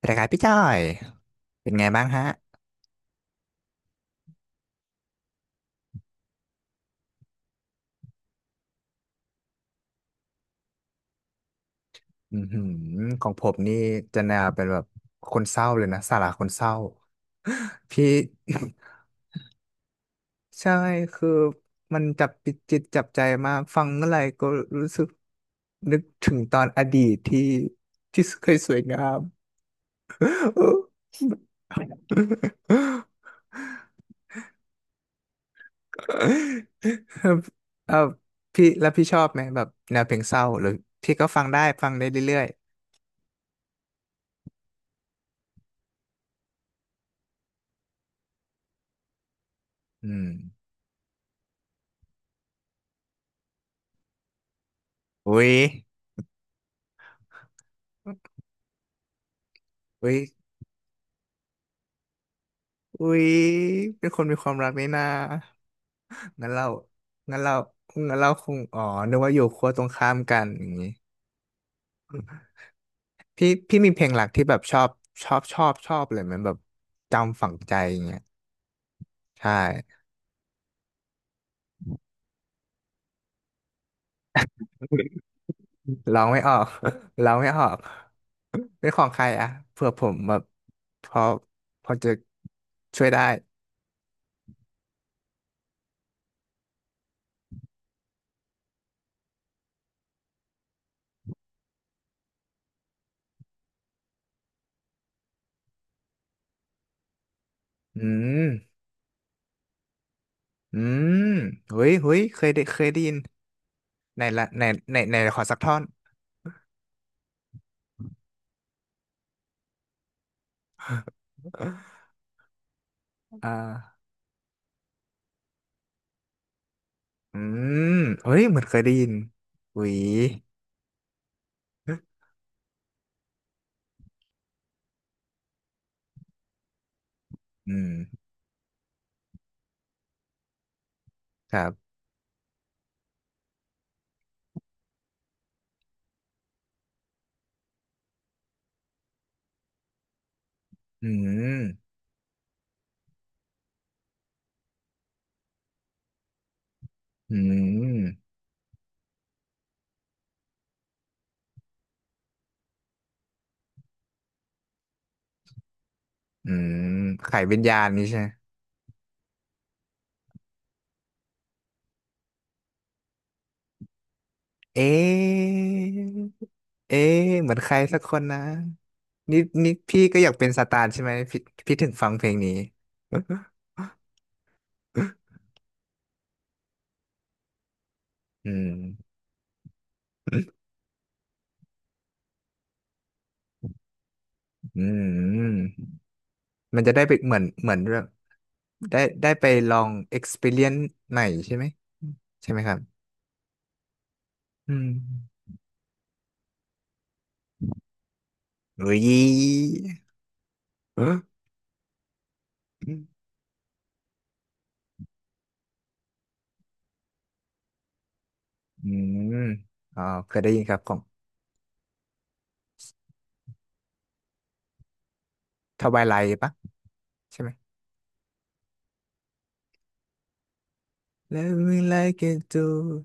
สวัสดีครับพี่จ้อยเป็นไงบ้างฮะอือหือของผมนี่จะแนวเป็นแบบคนเศร้าเลยนะสาระคนเศร้าพี่ ใช่คือมันจับจิตจับใจมากฟังเมื่อไหร่ก็รู้สึกนึกถึงตอนอดีตที่เคยสวยงาม เออพี่แล้วพี่ชอบไหมแบบแนวเพลงเศร้าหรือพี่ก็ฟังได้เรื่อยๆอืมอุ้ยอุ้ย อุ๊ยเป็นคนมีความรักนี่นางั้นเรางั้นเรางั้นเราคงอ๋อนึกว่าอยู่ขั้วตรงข้ามกันอย่างนี้พี่มีเพลงหลักที่แบบชอบเลยมันแบบจำฝังใจอย่างเงี้ยใช่ร้องไม่ออก ร้องไม่ออกเป็นของใครอะเผื่อผมแบบพอพอจะช่วยได้อืมอืมเฮ้ยเคยได้ยินในละในในขอสักท่อนอ่า อืมเอ้ยเหมือนเคยได้ยินหวีอืมครับอืมอืมอืมไข่วิญญาณนี้ใช่ไหมเอ๊ะเอ๊ะเหมือนใครสักคนนะนี่นี่พี่ก็อยากเป็นสตาร์ใช่ไหมพี่พี่ถึงฟังเพลงนี้อืมอืมมันจะได้ไปเหมือนเรื่องได้ไปลอง experience ใหม่ใช่ไหมใช่ไหมครับอืมเฮ้ย อืมอ๋อเคยได้ยินครับของทวายไลท์ปะใช่ไหม Let me like it too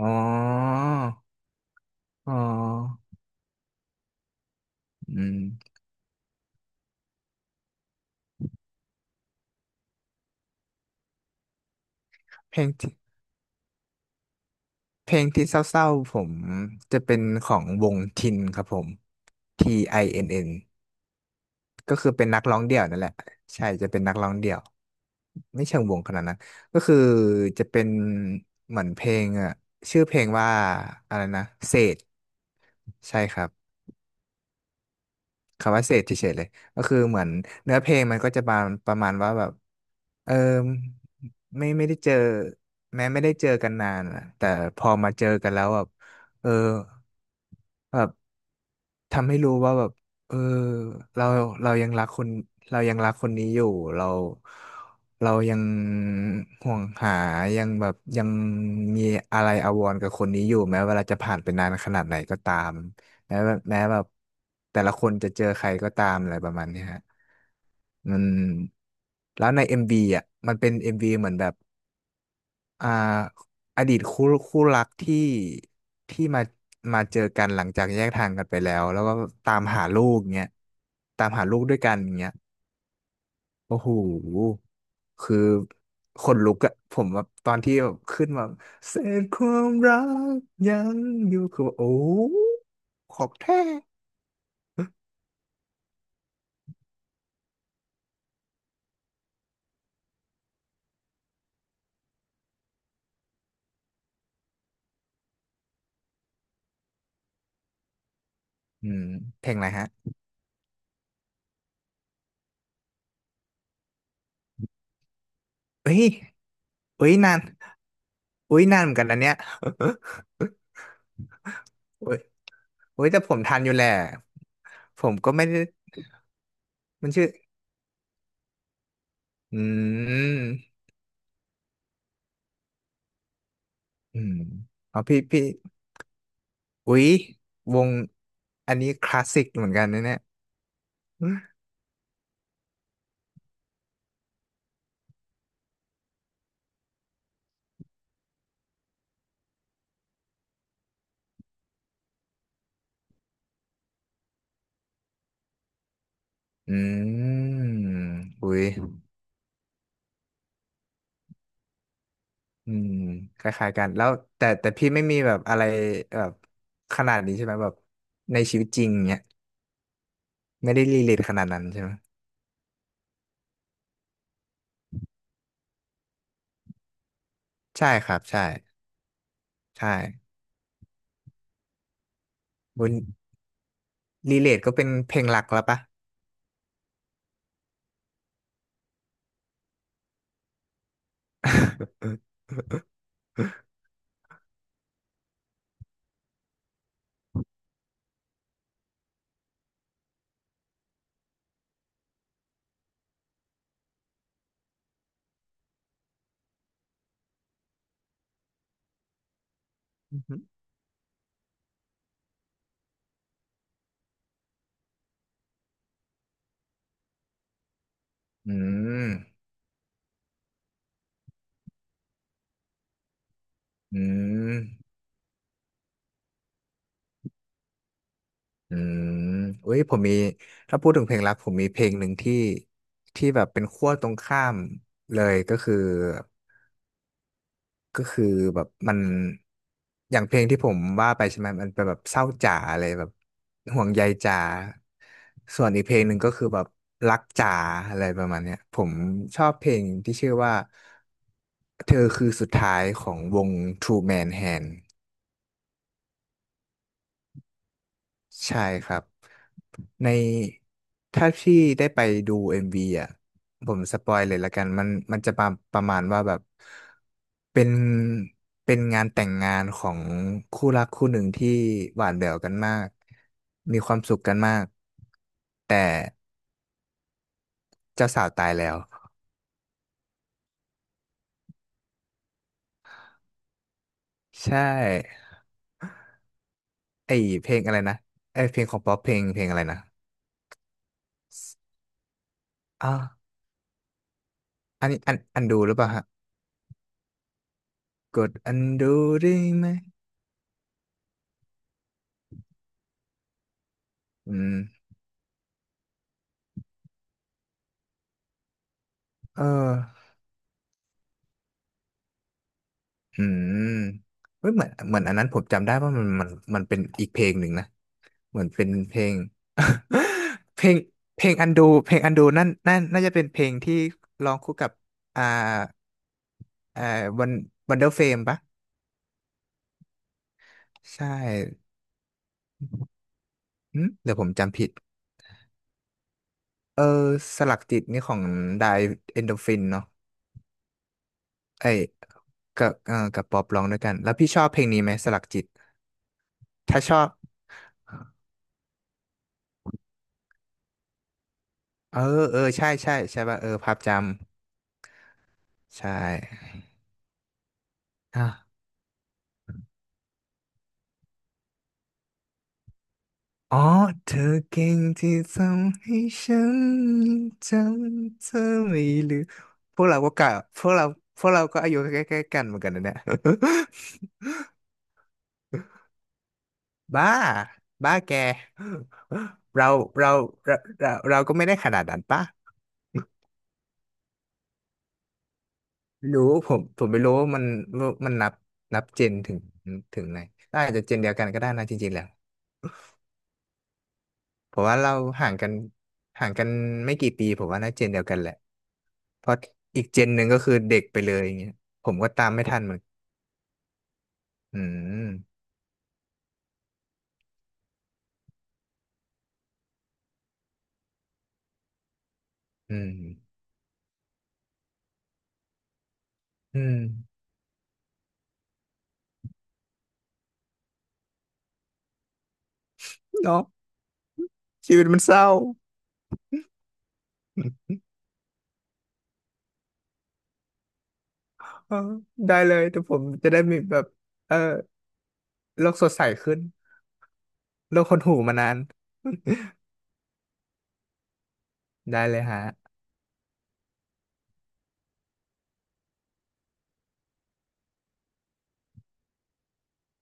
อ๋ออ๋ออืมเพลงที่เพลงที่เศร้าๆผมจะเป็นของวงทินครับผม T I N N ก็คือเป็นนักร้องเดี่ยวนั่นแหละใช่จะเป็นนักร้องเดี่ยวไม่เชิงวงขนาดนั้นก็คือจะเป็นเหมือนเพลงอ่ะชื่อเพลงว่าอะไรนะเศษใช่ครับ คำว่าเสพเฉยๆเลยก็คือเหมือนเนื้อเพลงมันก็จะประมาณว่าแบบเออไม่ได้เจอแม้ไม่ได้เจอกันนานอะแต่พอมาเจอกันแล้วแบบเออแบบ ทำให้รู้ว่าแบบเออเราเรายังรักคนเรายังรักคนนี้อยู่เราเรายังห่วงหายังแบบยังมีอะไรอาวรณ์กับคนนี้อยู่แม้เวลาจะผ่านไปนานขนาดไหนก็ตามแม้ว่าแม้แบบแต่ละคนจะเจอใครก็ตามอะไรประมาณเนี้ยฮะมันแล้วใน MV อมวีอ่ะมันเป็น MV เหมือนแบบ อ่าอดีตคู่รักที่มาเจอกันหลังจากแยกทางกันไปแล้วแล้วก็ตามหาลูกเงี้ยตามหาลูกด้วยกันเงี้ยโอ้โหคือขนลุกอะผมแบบตอนที่แบบขึ้นมาเศษความรักยังอยู่คือว่าโอ้ของแท้อืมเพลงอะไรฮะเอ้ยเอ้ยนานเอ้ยนานเหมือนกันนะเนี่ย โอ้ยโอ้ยแต่ผมทันอยู่แหละผมก็ไม่ได้มันชื่อ อืมอืมเอาพี่พี่อุ๊ยวงอันนี้คลาสสิกเหมือนกันนะเนี่ยอืมอุ้ยอืมคล้ายๆกันแล้วแต่พี่ไม่มีแบบอะไรแบบขนาดนี้ใช่ไหมแบบในชีวิตจริงเนี้ยไม่ได้รีเลทขนาดนั้นใช่ไหมใช่ครับใช่ใช่บนรีเลทก็เป็นเพลงหลักแล้วปะ อืมอืม อืมอุ้ยผมมีถ้าพูดถึงเพลงรักผมมีเพลงหนึ่งที่แบบเป็นขั้วตรงข้ามเลยก็คือแบบมันอย่างเพลงที่ผมว่าไปใช่ไหมมันเป็นแบบเศร้าจ๋าอะไรแบบห่วงใยจ๋าส่วนอีกเพลงหนึ่งก็คือแบบรักจ๋าอะไรประมาณเนี้ยผมชอบเพลงที่ชื่อว่าเธอคือสุดท้ายของวง True Man Hand ใช่ครับในถ้าพี่ได้ไปดู MV อมวีอ่ะผมสปอยเลยละกันมันจะประประมาณว่าแบบเป็นเป็นงานแต่งงานของคู่รักคู่หนึ่งที่หวานแหววกันมากมีความสุขกันมากแต่เจ้าสาวตายแล้วใช่ไอเพลงอะไรนะไอยเพลงของป๊อปเพลงเพลงอะไรนะอ่าวอันนี้อันอันดูหรือเปล่าฮะกดอันดูได้ไหมอืมเออ อืมเฮ้ยเหมือนเหมือนอันนั้นผมจำได้ว่ามันมันมันเป็นอีกเพลงหนึ่งนะเหมือนเป็นเพลง เพลงเพลงอันดูเพลงอันดูนั่นนั่นน่าจะเป็นเพลงที่ร้องคู่กับอ่าอ่าวันวันเดอร์เฟมปะใช่หึเดี๋ยวผมจำผิดเออสลักจิตนี่ของไดเอนโดฟินเนาะไอ้ยกับเออกับป๊อปร้องด้วยกันแล้วพี่ชอบเพลงนี้ไหมสลักจิตถ้าชอบเออเออใช่ใช่ใช่ป่ะเออภาพจำใช่อ่ะ อ๋อเธอเก่งที่ทำให้ฉันจำเธอไม่ลืมพวกเราก็กะพวกเราพวกเราก็อายุใกล้ๆกันเหมือนกันนะเนี่ย บ้าบ้าแกเราเราเราเราก็ไม่ได้ขนาดนั้นปะรู้ผมไม่รู้ว่ามันว่ามันนับนับเจนถึงถึงไหนอาจจะเจนเดียวกันก็ได้นะจริงๆแล้วเพราะว่าเราห่างกันห่างกันไม่กี่ปีผมว่าน่าเจนเดียวกันแหละ เพราะอีกเจนหนึ่งก็คือเด็กไปเลยอย่างเงี้ยผมก็ตามไม่ทันเหมือนอืมอืมอืมเนาะชีวิตมันเศร้า เออได้เลยแต่ผมจะได้มีแบบเออโลกสดใสขึ้นโลกหดหู่มานาน ได้เลยฮะ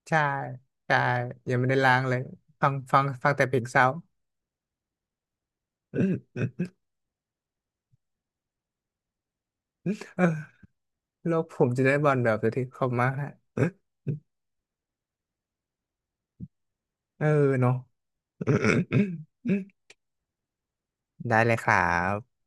ใช่ใช่ยังไม่ได้ล้างเลยฟังแต่เพลงเศร้า เออโลกผมจะได้บอลแบบสักที่เขามากฮะ เออเนาะ ได้เลยครับ